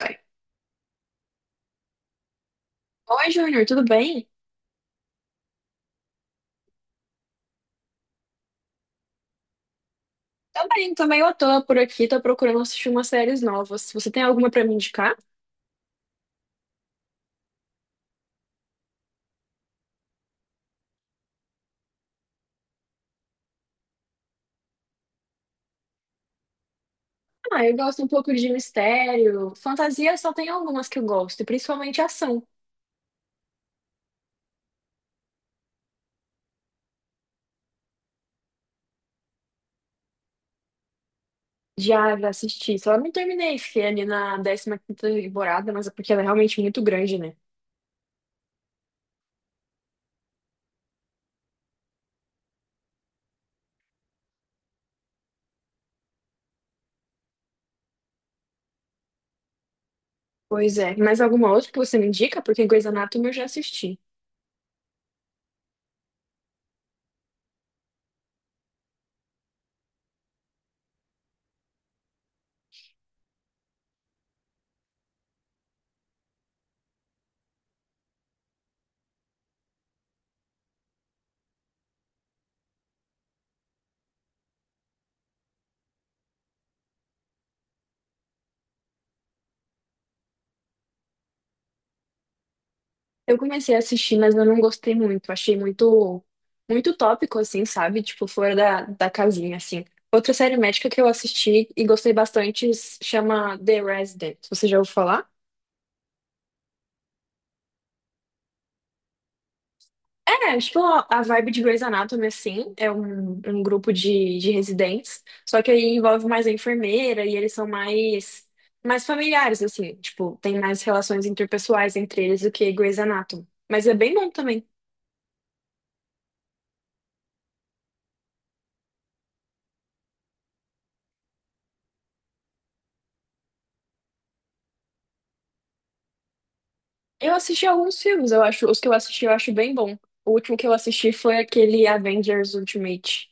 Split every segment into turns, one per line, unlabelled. Vai. Oi, Júnior, tudo bem? Tô bem, também eu tô meio à por aqui, tô procurando assistir umas séries novas. Você tem alguma pra me indicar? Ah, eu gosto um pouco de mistério. Fantasia só tem algumas que eu gosto, e principalmente ação. Já assisti, só não terminei, fiquei ali na 15ª temporada, mas é porque ela é realmente muito grande, né? Pois é. Mais alguma outra que você me indica? Porque Grey's Anatomy eu já assisti. Eu comecei a assistir, mas eu não gostei muito. Achei muito, muito tópico, assim, sabe? Tipo, fora da, da casinha, assim. Outra série médica que eu assisti e gostei bastante chama The Resident. Você já ouviu falar? É, tipo, a vibe de Grey's Anatomy, assim, é um grupo de residentes, só que aí envolve mais a enfermeira e eles são mais, mais familiares, assim, tipo, tem mais relações interpessoais entre eles do que Grey's Anatomy. Mas é bem bom também. Eu assisti alguns filmes, eu acho. Os que eu assisti eu acho bem bom. O último que eu assisti foi aquele Avengers Ultimate.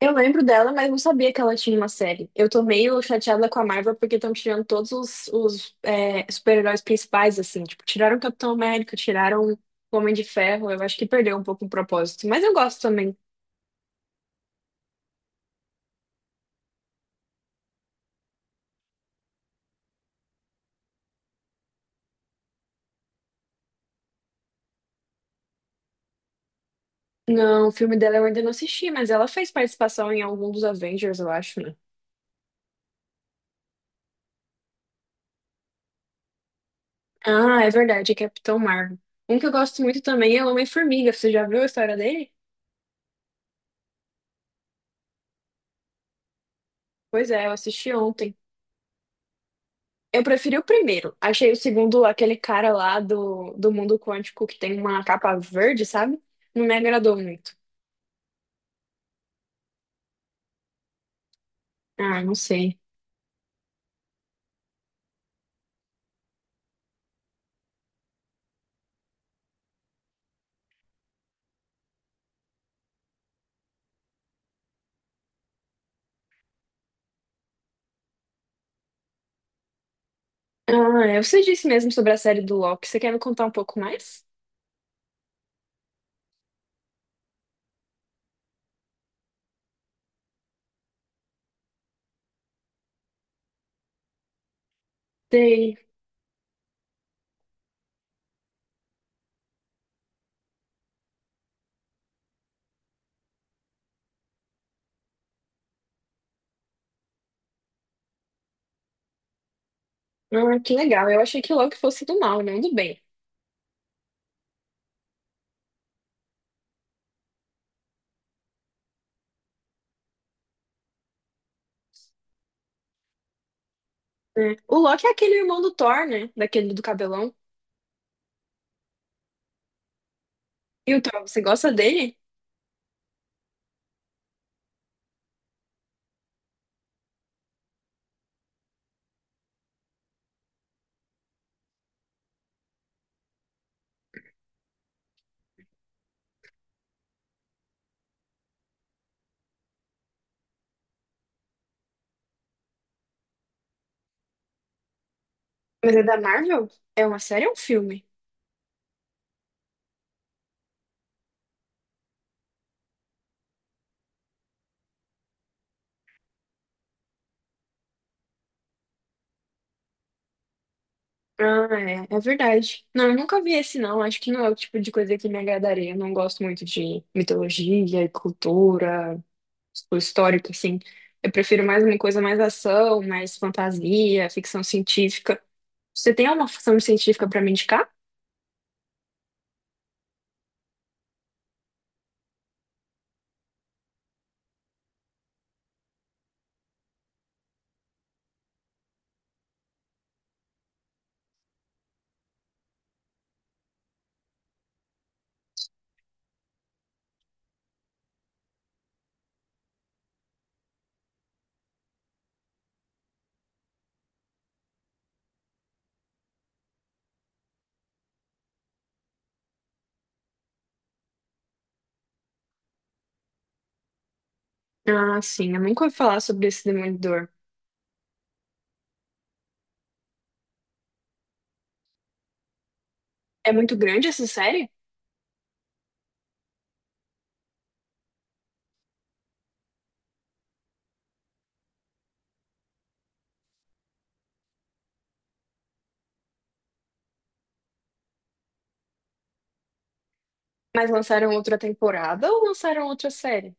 Eu lembro dela, mas não sabia que ela tinha uma série. Eu tô meio chateada com a Marvel porque estão tirando todos os super-heróis principais, assim. Tipo, tiraram o Capitão América, tiraram o Homem de Ferro. Eu acho que perdeu um pouco o propósito. Mas eu gosto também. Não, o filme dela eu ainda não assisti, mas ela fez participação em algum dos Avengers, eu acho, né? Ah, é verdade, é Capitão Marvel. Um que eu gosto muito também é o Homem-Formiga. Você já viu a história dele? Pois é, eu assisti ontem. Eu preferi o primeiro. Achei o segundo aquele cara lá do mundo quântico que tem uma capa verde, sabe? Não me agradou muito. Ah, não sei. Ah, é, você disse mesmo sobre a série do Loki. Você quer me contar um pouco mais? Sei. Ah, que legal. Eu achei que o Loki fosse do mal, não do bem. É. O Loki é aquele irmão do Thor, né? Daquele do cabelão. E o Thor, você gosta dele? Mas é da Marvel? É uma série ou um filme? Ah, é, é verdade. Não, eu nunca vi esse, não. Acho que não é o tipo de coisa que me agradaria. Eu não gosto muito de mitologia e cultura, tipo, histórica, assim. Eu prefiro mais uma coisa mais ação, mais fantasia, ficção científica. Você tem alguma ficção científica pra me indicar? Ah, sim, eu nunca ouvi falar sobre esse Demolidor. É muito grande essa série? Mas lançaram outra temporada ou lançaram outra série?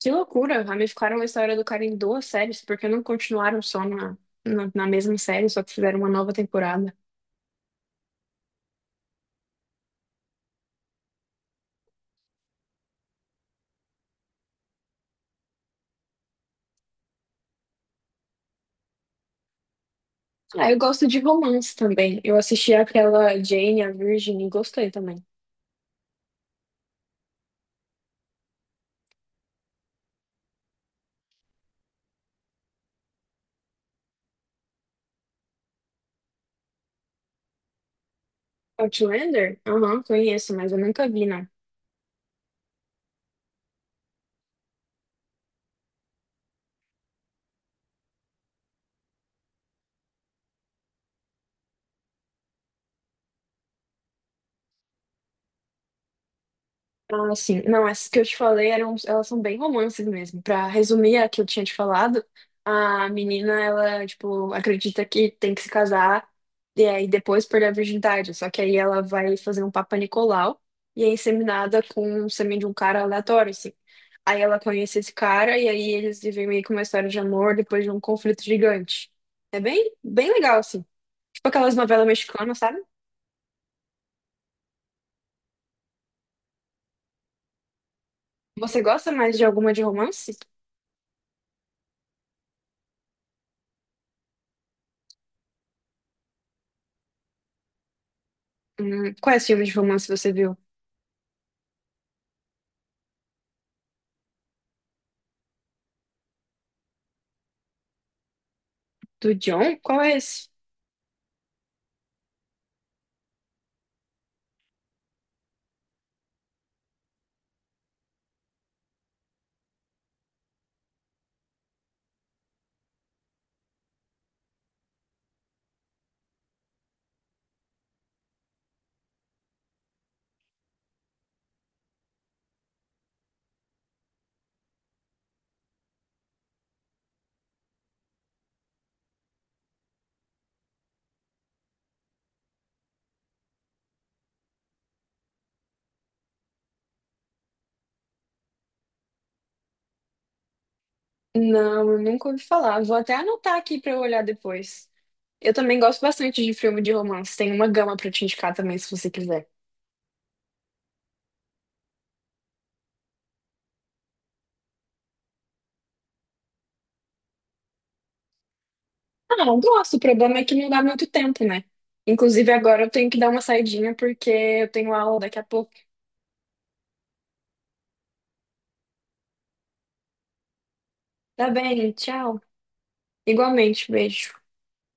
Que loucura! Ramificaram a história do cara em duas séries, porque não continuaram só na, na mesma série, só que fizeram uma nova temporada. Ah, eu gosto de romance também. Eu assisti aquela Jane, a Virgin, e gostei também. Outlander? Aham, conheço, mas eu nunca vi, não. Ah, sim. Não, essas que eu te falei eram, elas são bem romances mesmo. Pra resumir a que eu tinha te falado, a menina, ela, tipo, acredita que tem que se casar e aí depois perder a virgindade. Só que aí ela vai fazer um Papa Nicolau e é inseminada com o sêmen de um cara aleatório, assim. Aí ela conhece esse cara e aí eles vivem meio que uma história de amor depois de um conflito gigante. É bem, bem legal, assim. Tipo aquelas novelas mexicanas, sabe? Você gosta mais de alguma de romance? Quais filmes de romance você viu? Do John? Qual é esse? Não, eu nunca ouvi falar. Vou até anotar aqui pra eu olhar depois. Eu também gosto bastante de filme de romance. Tem uma gama pra te indicar também, se você quiser. Ah, eu gosto. O problema é que não dá muito tempo, né? Inclusive, agora eu tenho que dar uma saidinha porque eu tenho aula daqui a pouco. Tá bem, tchau. Igualmente, beijo.